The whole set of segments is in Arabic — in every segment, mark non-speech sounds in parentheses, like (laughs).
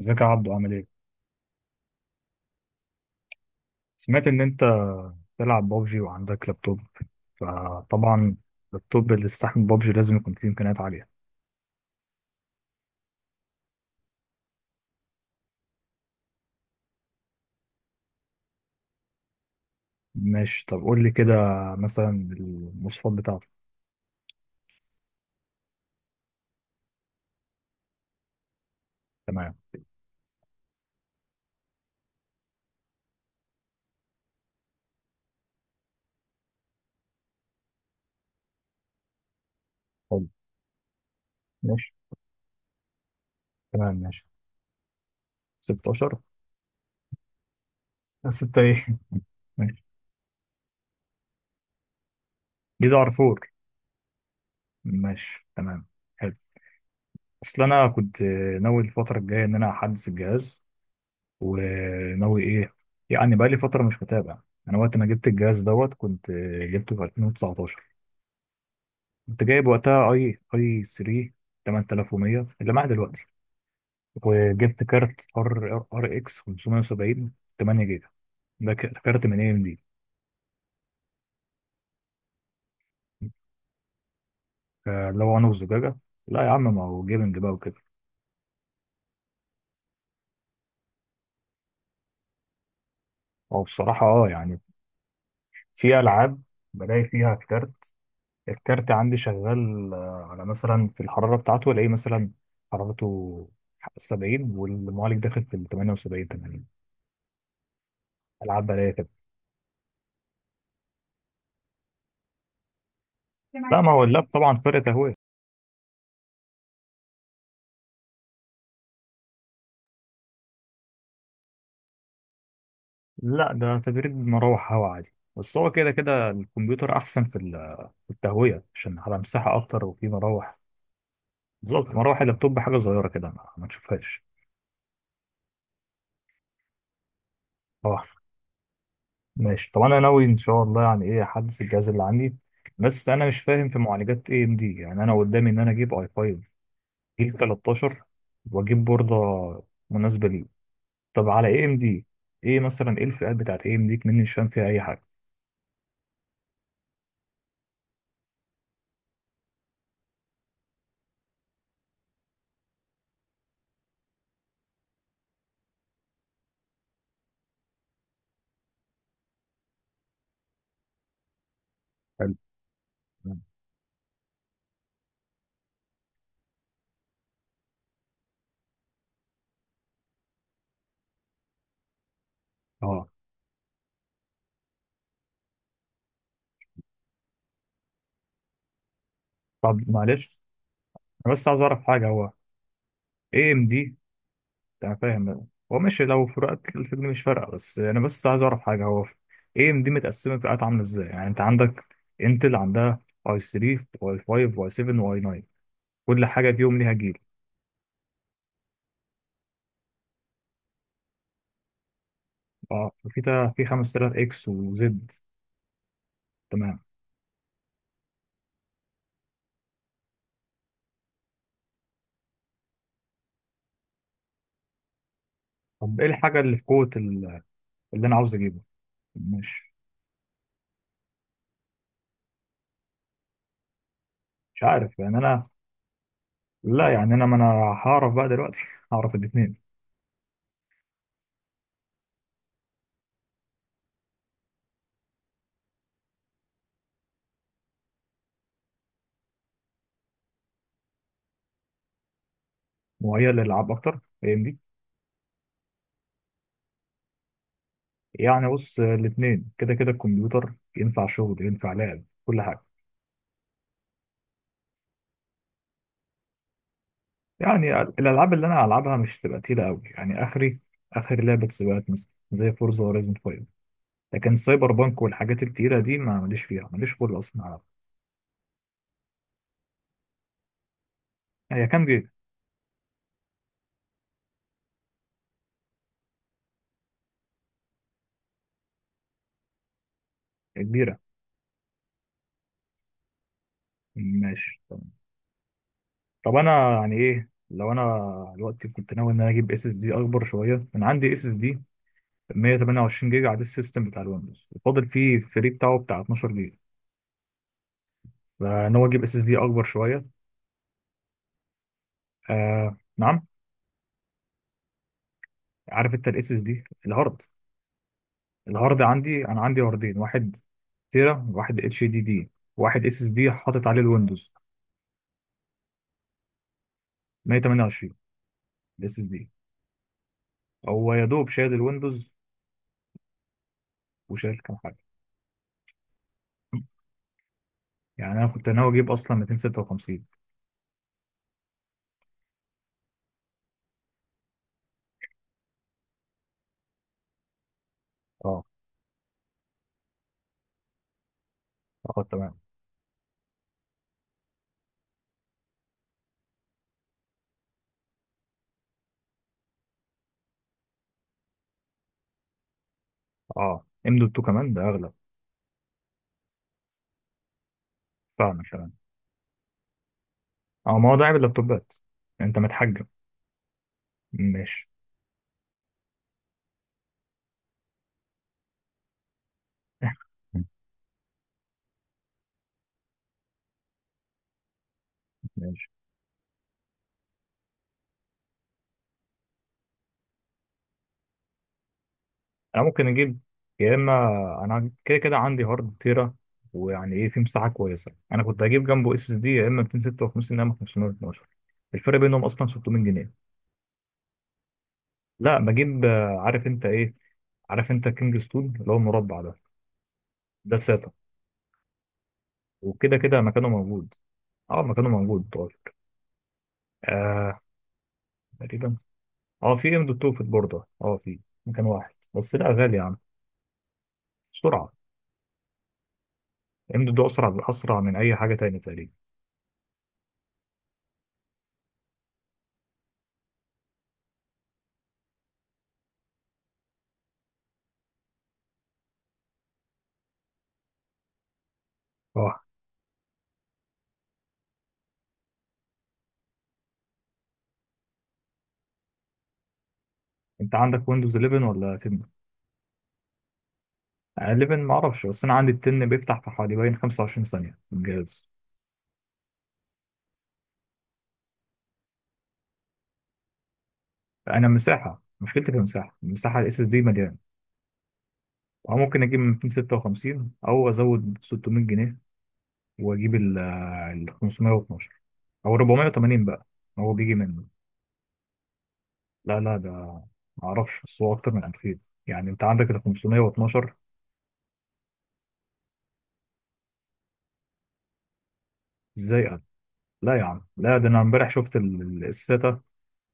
ازيك يا عبدو، عامل ايه؟ سمعت ان انت بتلعب بابجي وعندك لابتوب، فطبعا اللابتوب اللي يستحمل بابجي لازم يكون فيه امكانيات عالية. ماشي. طب قول لي كده، مثلا المواصفات بتاعته. تمام. حلو. ماشي. تمام. ماشي. 16؟ 6 ايه؟ (laughs) ماشي. جيزة ار 4. ماشي. تمام. حلو. اصل انا كنت ناوي الفترة الجاية ان انا احدث الجهاز، وناوي ايه، يعني بقالي فترة مش متابع. انا وقت ما جبت الجهاز دوت كنت جبته في 2019. كنت جايب وقتها اي 3 8100 اللي معايا دلوقتي. وجبت كارت ار اكس 570، 8 جيجا. ده كارت من اي ام دي. اللي هو انا والزجاجه؟ لا يا عم، ما هو جيمنج بقى وكده. هو بصراحه، يعني في العاب بلاقي فيها كارت، الكارت عندي شغال على مثلا، في الحراره بتاعته الاقي مثلا حرارته 70، والمعالج داخل في ال 78، 80. العاب بلاقي كده. لا، ما هو اللاب طبعا فرق تهويه. لا، ده تبريد مراوح هوا عادي، بس هو كده كده الكمبيوتر احسن في في التهويه، عشان على مساحه اكتر وفي مراوح. بالظبط، مراوح اللابتوب حاجه صغيره كده ما تشوفهاش. اه. ماشي. طب انا ناوي ان شاء الله يعني ايه احدث الجهاز اللي عندي، بس انا مش فاهم في معالجات اي ام دي. يعني انا قدامي ان انا اجيب اي 5 جيل 13، واجيب بورده مناسبه ليه. طب على اي ام دي، ايه مثلا الفئات بتاعت اي ام دي؟ مني مش فاهم فيها اي حاجه. حلو. اه. طب معلش، انا بس عايز اعرف حاجه. هو اي ام دي، أنا فاهم هو ماشي لو فروقات الفجن مش فارقة، بس أنا بس عايز أعرف حاجة. هو إيه، ام دي متقسمة فئات عاملة إزاي؟ يعني أنت عندك انتل عندها اي 3 واي 5 واي 7 واي 9، كل حاجة فيهم ليها جيل. اه، في في 5000 اكس وزد. تمام. طب إيه الحاجة اللي في قوة اللي أنا عاوز أجيبه؟ مش مش عارف، يعني أنا، لا يعني أنا، ما أنا هعرف بقى دلوقتي. (laughs) هعرف الاتنين. وهي اللي ألعب أكتر، فاهمني؟ يعني بص، الاتنين كده كده الكمبيوتر ينفع شغل ينفع لعب، كل حاجة. يعني الالعاب اللي انا هلعبها مش تبقى تقيله قوي، يعني اخر لعبه سباقات مثلا زي فورزا هورايزون 5، لكن سايبر بانك والحاجات التقيله دي ما ماليش فيها، ماليش خلق اصلا العبها. هي كام جيجا؟ كبيره. ماشي. تمام. طب انا يعني ايه لو انا دلوقتي كنت ناوي ان انا اجيب اس اس دي اكبر شويه. انا عندي اس اس دي 128 جيجا على السيستم بتاع الويندوز، وفاضل فيه الفري بتاعه بتاع 12 جيجا. فانا هو اجيب اس اس دي اكبر شويه. آه، نعم. عارف انت الاس اس دي؟ الهارد عندي، انا عندي هاردين: واحد تيرا واحد اتش دي دي، واحد اس اس دي حاطط عليه الويندوز. 128 الاس اس دي. هو يا دوب شايل الويندوز وشايل كام حاجه. يعني انا كنت ناوي اجيب اصلا 256. اه. اه، تمام. اه، ام دوت 2 كمان ده اغلى. فعلا، فعلا. اه، ما هو ده عيب اللابتوبات، انت متحجم. ماشي. (laughs) ماشي. انا ممكن اجيب، يا اما انا كده كده عندي هارد تيرا، ويعني ايه، في مساحه كويسه. انا كنت هجيب جنبه اس اس دي يا اما 256 يا اما 512. الفرق بينهم اصلا 600 جنيه. لا، بجيب، عارف انت ايه، عارف انت كينج ستون اللي هو المربع ده؟ ده ساتا. وكده كده مكانه موجود. اه، مكانه موجود. طيب. آه. تقريبا، اه، في ام دوت 2 في البورده، اه، في مكان واحد بس، لا غالي يا عم. سرعه. ام دوت 2 اسرع، اسرع من اي حاجه تانية تقريبا. اه. انت عندك ويندوز 11 ولا 10؟ غالبا ما اعرفش، بس انا عندي التن بيفتح في حوالي، باين، 25 ثانيه من الجهاز. انا مساحه، مشكلتي في المساحه الاس اس دي مليان، او ممكن اجيب من 256، او ازود 600 جنيه واجيب ال 512 او 480 بقى، هو بيجي منه. لا، لا، ده ما اعرفش، بس هو اكتر من 2000. يعني انت عندك ال 512؟ ازاي قل. لا يا عم، لا، ده انا امبارح شفت الساتا،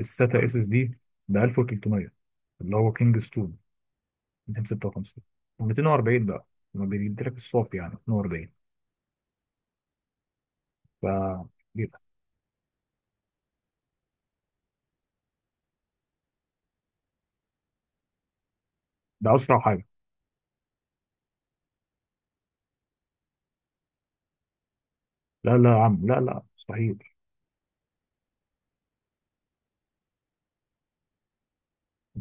الساتا اس اس دي، ب 1300، اللي هو كينج ستون، 256. 240 بقى، ما بيديلك الصوت، يعني 240. ف يبقى ده اسرع حاجه. لا، لا يا عم، لا، لا، مستحيل.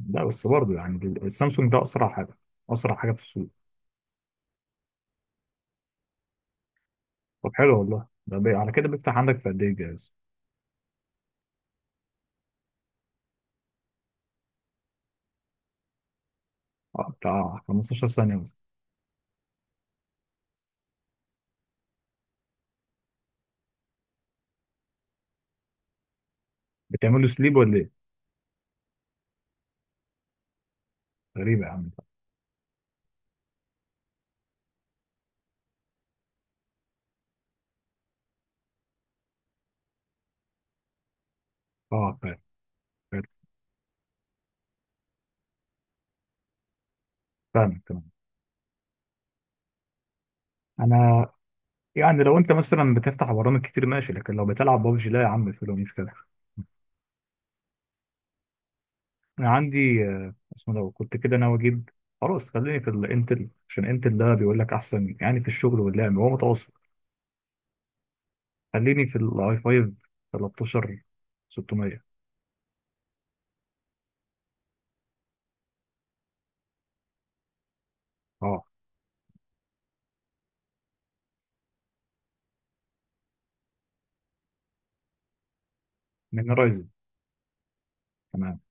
لا بس برضه يعني السامسونج ده اسرع حاجه، اسرع حاجه في السوق. طب حلو والله. ده على كده بيفتح عندك في قد ايه الجهاز؟ اه، بتاع 15 ثانيه مثلا؟ بتعمل له سليب ولا ايه؟ غريبه يا عم ده. اه، فاهم. فاهم. فاهم. تمام. انا يعني، لو انت مثلا بتفتح برامج كتير ماشي، لكن لو بتلعب ببجي لا يا عم، في مشكله. انا عندي، اسمه، لو كنت كده ناوي اجيب، خلاص خليني في الانتل، عشان انتل ده بيقول لك احسن يعني في الشغل، واللعب هو متوسط. خليني في الاي 5 13 600. اه، من رايزن. تمام.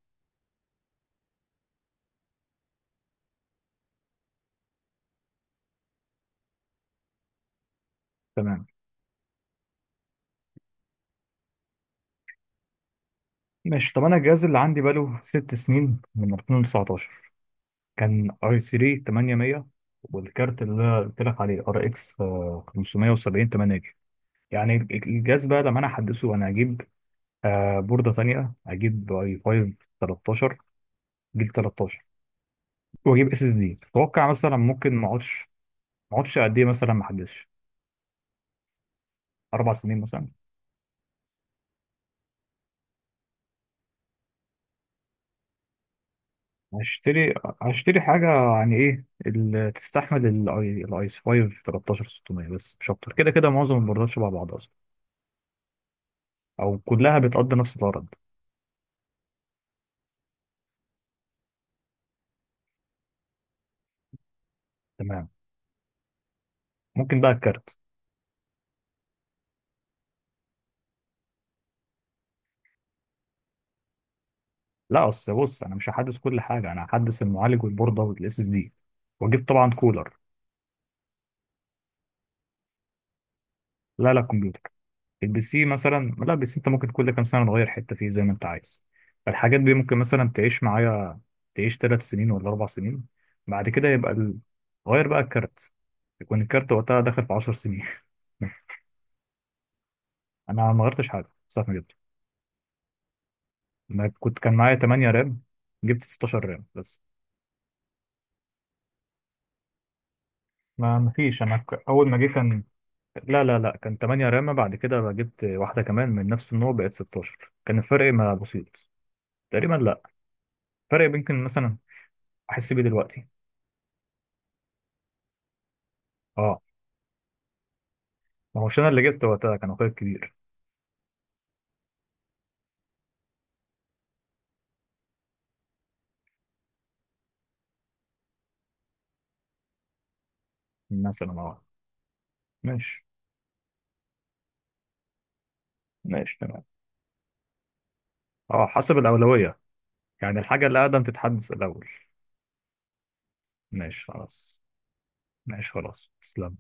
تمام. ماشي. طب انا الجهاز اللي عندي بقاله 6 سنين من 2019. كان اي 3 800، والكارت اللي أنا قلت لك عليه ار اكس 570 8 جيجا. يعني الجهاز بقى لما انا احدثه انا هجيب بوردة تانية، هجيب اي 5 13 جيل 13، واجيب اس اس دي. اتوقع مثلا ممكن ما اقعدش قد ايه، مثلا ما احدثش 4 سنين مثلا. هشتري، حاجه يعني ايه اللي تستحمل الايس 5 13 600، بس مش اكتر، كده كده معظم البوردات شبه بعض اصلا، او كلها بتقضي نفس الغرض. تمام. ممكن بقى الكارت. لا، اصل بص، انا مش هحدث كل حاجه، انا هحدث المعالج والبورده والاس اس دي، واجيب طبعا كولر. لا، لا، كمبيوتر، البي سي مثلا، لا، البي سي انت ممكن كل كام سنه نغير حته فيه زي ما انت عايز. فالحاجات دي ممكن مثلا تعيش 3 سنين ولا 4 سنين، بعد كده يبقى غير بقى الكارت، يكون الكارت وقتها داخل في 10 سنين. (laughs) انا ما غيرتش حاجه ساعه ما جبته. انا كنت، كان معايا 8 رام، جبت 16 رام بس. ما فيش. انا اول ما جه كان، لا، لا، لا، كان 8 رام، بعد كده بقى جبت واحده كمان من نفس النوع، بقت 16. كان الفرق ما بسيط تقريبا. لا. فرق يمكن مثلا احس بيه دلوقتي. اه. ما هوش انا اللي جبت، وقتها كان اخويا الكبير. مثلا. اه. ماشي. ماشي. تمام. اه، حسب الاولويه، يعني الحاجه اللي اقدم تتحدث الاول. ماشي، خلاص. ماشي، خلاص. تسلم.